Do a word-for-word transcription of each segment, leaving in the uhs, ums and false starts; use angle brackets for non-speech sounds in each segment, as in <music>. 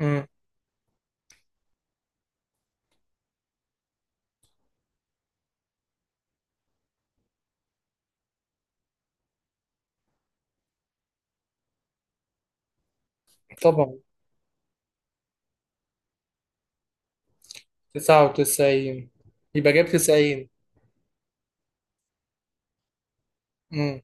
امم طبعا، تسعه وتسعين. يبقى جاب تسعين. امم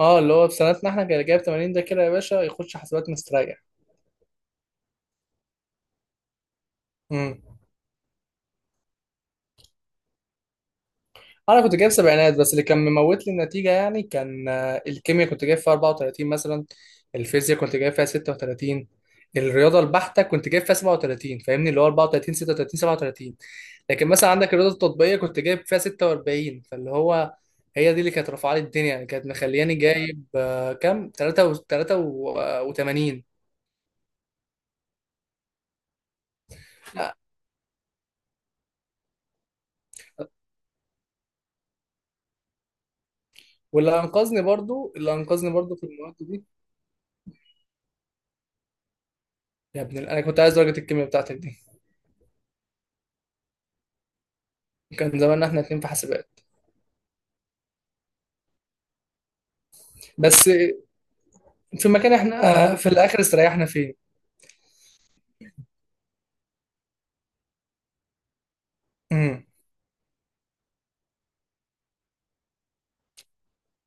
اه، اللي هو في سنتنا احنا كان جايب تمانين ده كده يا باشا يخش حسابات مستريح. امم انا كنت جايب سبعينات، بس اللي كان مموت لي النتيجه يعني كان آه، الكيمياء كنت جايب فيها أربعة وثلاثون مثلا. الفيزياء كنت جايب فيها ستة وثلاثون. الرياضه البحته كنت جايب فيها سبعة وثلاثون. فاهمني، اللي هو أربعة وثلاثون، ستة وثلاثون، سبعة وثلاثون. لكن مثلا عندك الرياضه التطبيقيه كنت جايب فيها سته واربعين، فاللي هو هي دي اللي كانت رافعه لي الدنيا يعني، كانت مخلياني جايب آه، كام، ثلاثة وثمانون. لا، واللي انقذني برضو اللي انقذني برضو في المواد دي. يا ابن ال- انا كنت عايز درجه الكيمياء بتاعتك دي. كان زماننا احنا اتنين في حاسبات. بس في مكان احنا آه، في الاخر استريحنا فيه. امم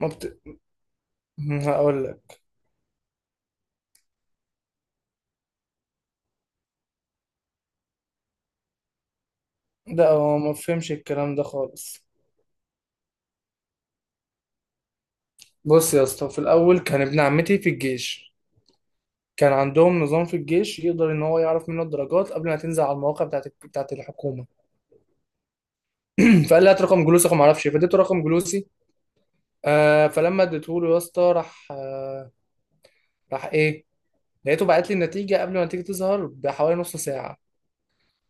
ما بت... مم، هقول لك. ده هو ما فهمش الكلام ده خالص. بص يا اسطى، في الاول كان ابن عمتي في الجيش. كان عندهم نظام في الجيش يقدر ان هو يعرف منه الدرجات قبل ما تنزل على المواقع بتاعت بتاعت الحكومه. <clears throat> فقال لي هات رقم جلوسك وما اعرفش إيه. فاديته رقم جلوسي. آه فلما اديته له يا اسطى، راح آه راح ايه، لقيته بعت لي النتيجه قبل ما النتيجه تظهر بحوالي نص ساعه.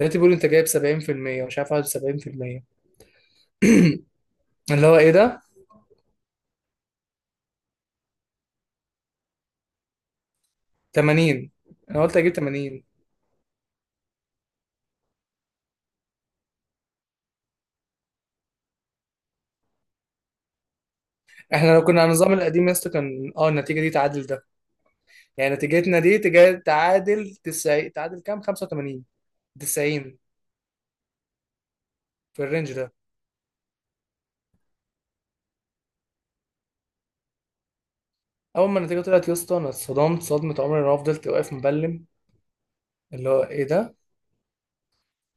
لقيته بيقول انت جايب سبعين في المية ومش عارف واحد وسبعين في المية. اللي هو ايه ده؟ تمانين. انا قلت اجيب تمانين. احنا لو كنا على النظام القديم يا اسطى كان اه النتيجه دي تعادل ده. يعني نتيجتنا دي تجا- تعادل تسعين، تعادل كام، خمسة وثمانون، تسعين، في الرينج ده. اول ما النتيجه طلعت يا اسطى انا اتصدمت صدمه عمري، انا فضلت واقف مبلم. اللي هو ايه ده؟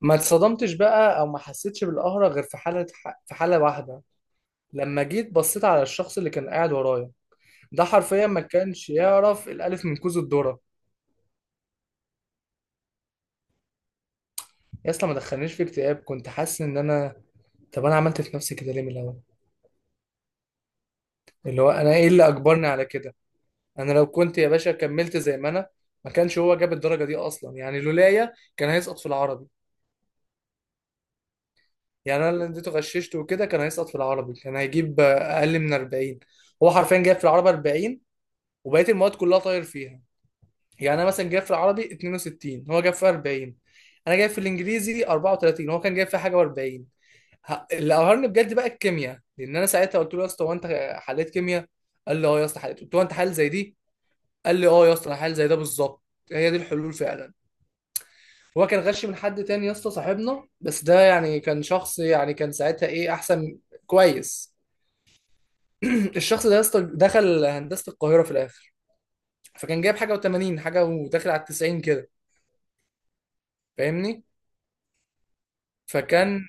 ما اتصدمتش بقى او ما حسيتش بالقهره غير في حاله في حاله واحده. لما جيت بصيت على الشخص اللي كان قاعد ورايا، ده حرفيا ما كانش يعرف الالف من كوز الذره. يا اسطى ما دخلنيش في اكتئاب. كنت حاسس ان انا، طب انا عملت في نفسي كده ليه من الاول؟ اللي هو انا ايه اللي اجبرني على كده؟ انا لو كنت يا باشا كملت زي ما انا، ما كانش هو جاب الدرجه دي اصلا. يعني لولايا كان هيسقط في العربي. يعني انا اللي اديته غششته وكده كان هيسقط في العربي، كان هيجيب آه، اقل من اربعين. هو حرفيا جاب في العربي اربعين، وبقيه المواد كلها طاير فيها. يعني انا مثلا جاب في العربي اتنين وستين، هو جاب في اربعين. انا جايب في الانجليزي أربعة وثلاثون، هو كان جايب في حاجه و40. اللي قهرني بجد بقى الكيمياء، لان انا ساعتها قلت له يا اسطى هو انت حليت كيمياء؟ قال لي اه يا اسطى حليت. قلت له هو انت حل زي دي؟ قال لي اه يا اسطى الحل زي ده بالظبط، هي دي الحلول فعلا. هو كان غش من حد تاني يا اسطى، صاحبنا، بس ده يعني كان شخص يعني كان ساعتها ايه، احسن، كويس. <clears throat> الشخص ده يا اسطى دخل هندسه القاهره في الاخر، فكان جايب حاجه و80، حاجه وداخل على تسعين كده، فاهمني. فكان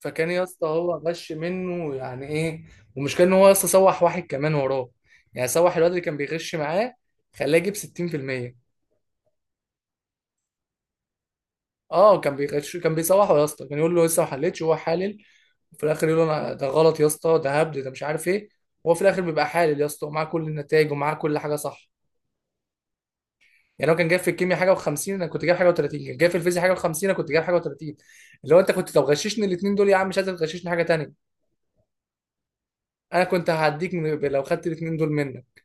فكان يا اسطى هو غش منه يعني ايه. ومشكلة ان هو يا اسطى سوح واحد كمان وراه. يعني سوح الواد اللي كان بيغش معاه، خلاه يجيب ستين في المية. اه، كان بيغش، كان بيسوحه يا اسطى، كان يقول له لسه ما حلتش وهو حالل، وفي الاخر يقول له انا ده غلط يا اسطى، ده هبد، ده مش عارف ايه. وهو في الاخر بيبقى حالل يا اسطى، ومعاه كل النتائج، ومعاه كل حاجه صح. يعني هو كان جايب في الكيمياء حاجه و50، انا كنت جايب حاجه و30. كان جايب في الفيزياء حاجه و50، انا كنت جايب حاجه و30. اللي هو انت كنت لو غششني الاثنين دول يا عم، مش عايز تغششني حاجه تانيه؟ انا كنت هعديك من- لو خدت الاثنين دول منك.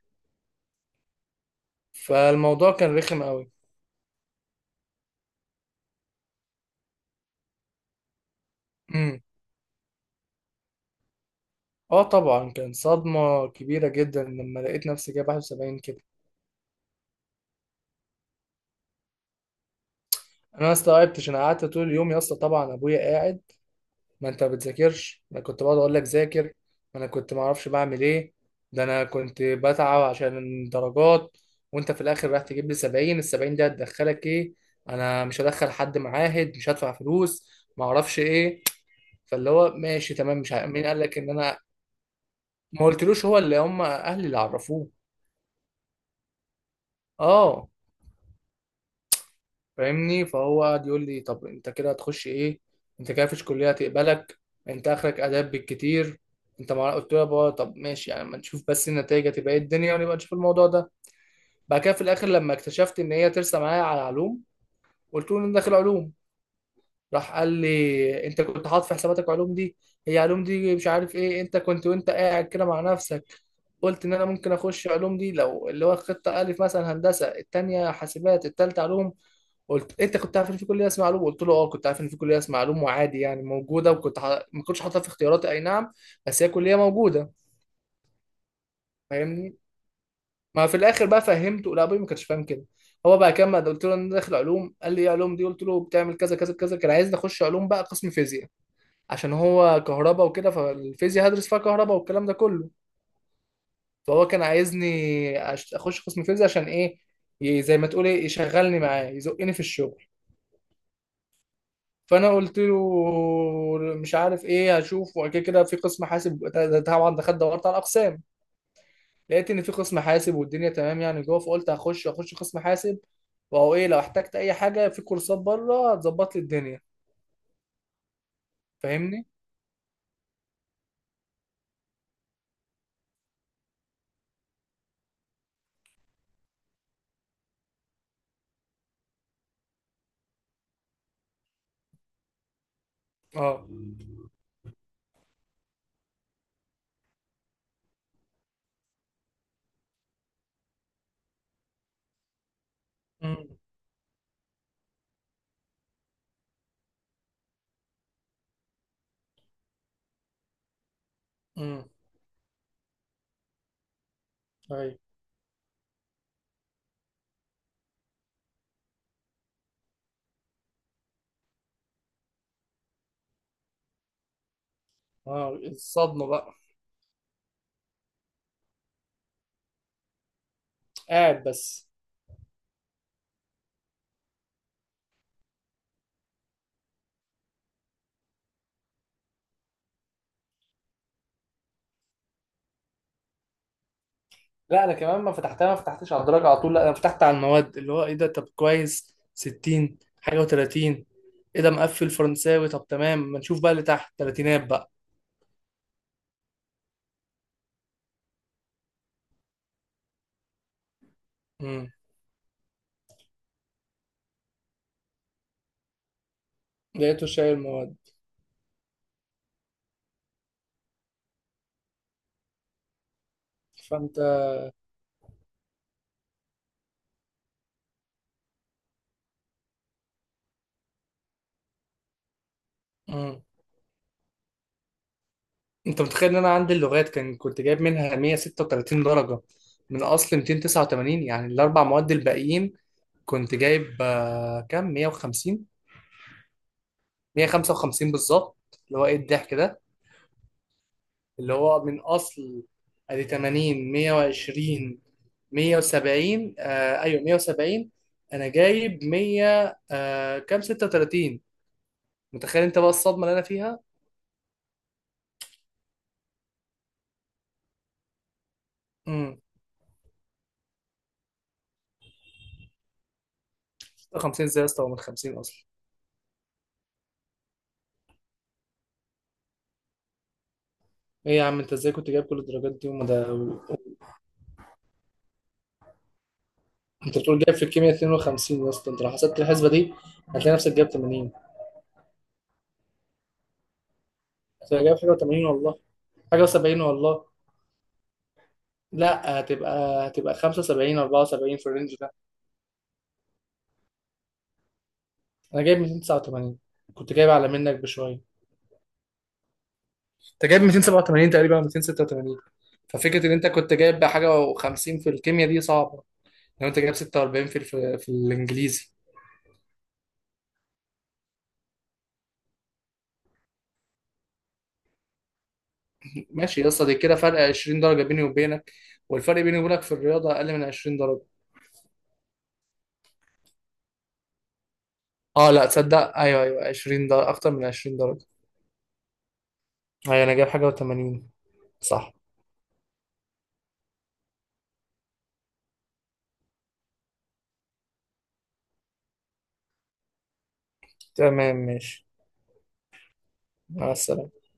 فالموضوع كان رخم قوي. امم اه طبعا، كان صدمه كبيره جدا لما لقيت نفسي جايب واحد وسبعين كده. انا ما استوعبتش. انا قعدت طول اليوم يا اسطى، طبعا ابويا قاعد: ما انت بتذاكرش، انا كنت بقعد اقول لك ذاكر، ما انا كنت ما اعرفش بعمل ايه، ده انا كنت بتعب عشان درجات، وانت في الاخر رايح تجيب لي سبعين؟ ال سبعين دي هتدخلك ايه؟ انا مش هدخل حد معاهد، مش هدفع فلوس، ما اعرفش ايه. فاللي هو ماشي تمام، مش ع... مين قال لك ان انا؟ ما قلتلوش، هو اللي، هم اهلي اللي عرفوه. اه، فاهمني. فهو قعد يقول لي طب انت كده هتخش ايه؟ انت كده مفيش كليه هتقبلك، انت اخرك اداب بالكتير. انت ما قلت له يا بابا طب ماشي يعني، ما نشوف بس النتائج هتبقى ايه الدنيا ونبقى نشوف الموضوع ده. بعد كده في الاخر لما اكتشفت ان هي ترسى معايا على علوم، قلت له ان انا داخل علوم. راح قال لي انت كنت حاطط في حساباتك علوم دي؟ هي علوم دي مش عارف ايه، انت كنت وانت قاعد كده مع نفسك قلت ان انا ممكن اخش علوم دي لو اللي هو خطه الف مثلا هندسه، التانيه حاسبات، التالته علوم؟ قلت انت كنت عارف ان في كليه اسمها علوم؟ قلت له اه كنت عارف ان في كليه اسمها علوم وعادي يعني موجوده، وكنت ح... ما كنتش حاططها في اختياراتي، اي نعم، بس هي كليه موجوده، فاهمني. ما في الاخر بقى فهمته، لا، ابوي ما كانش فاهم كده. هو بقى كمل، قلت له انا داخل علوم، قال لي ايه علوم دي، قلت له بتعمل كذا كذا كذا. كان عايزني اخش علوم بقى قسم فيزياء، عشان هو كهرباء وكده، فالفيزياء هدرس فيها كهرباء والكلام ده كله. فهو كان عايزني أش- اخش قسم فيزياء، عشان ايه؟ ي- زي ما تقول ايه، يشغلني معاه، يزقني في الشغل. فانا قلت له مش عارف ايه، هشوف. وبعد كده كده في قسم حاسب ده- ده طبعا دخلت دورت على الاقسام، لقيت ان في قسم حاسب والدنيا تمام يعني جوه. فقلت هخش هخش قسم حاسب. وهو ايه لو احتجت اي حاجه في كورسات بره هتظبط لي الدنيا، فاهمني. اه. امم امم ايوه. اه، الصدمه بقى. قاعد بس. لا انا كمان ما فتحتها، ما فتحتش على الدرجه على طول، لا، انا فتحت على المواد، اللي هو ايه ده؟ طب كويس، ستين، حاجه و30، ايه ده مقفل فرنساوي، طب تمام ما نشوف بقى اللي تحت تلاتينات بقى. امم لقيته شايل مواد. فانت، امم انت متخيل ان انا عندي اللغات كان كنت جايب منها ميه وسته وتلاتين درجه، من اصل ميتين وتسعه وتمانين. يعني الاربع مواد الباقيين كنت جايب آه، كام، ميه وخمسين، مائة وخمسة وخمسون بالظبط. اللي هو ايه الضحك ده. اللي هو من اصل، ادي تمانين، مائة وعشرون، مائة وسبعون، آه ايوه، مائة وسبعون. انا جايب مائة آه كام، ستة وثلاثون. متخيل انت بقى الصدمه اللي انا فيها. امم سته وخمسين؟ ازاي يا اسطى هو من خمسين اصلا؟ ايه يا عم انت ازاي كنت جايب كل الدرجات دي وما ده؟ انت بتقول جايب في الكيمياء اثنين وخمسين، يا اسطى انت لو حسبت الحسبه دي هتلاقي نفسك جايب تمانين. هتبقى جايب حاجه و80، والله. حاجه و70، والله. لا، هتبقى هتبقى خمسه وسبعين، أربعة وسبعون في الرينج. انا جايب ميتين وتسعه وتمانين، كنت جايب اعلى منك بشويه. انت جايب ميتين وسبعه وتمانين تقريبا، أو ميتين وسته وتمانين. ففكره ان انت كنت جايب بحاجه و50 في الكيمياء دي صعبه، لو انت جايب سته واربعين في الف... في الانجليزي. ماشي يا اسطى، دي كده فرق عشرين درجه بيني وبينك. والفرق بيني وبينك في الرياضه اقل من عشرين درجه. اه، لا تصدق، ايوه ايوه، عشرين درجه، اكتر من عشرين درجه. ايوه، انا جايب حاجه و80، صح. تمام، ماشي. مع السلامه.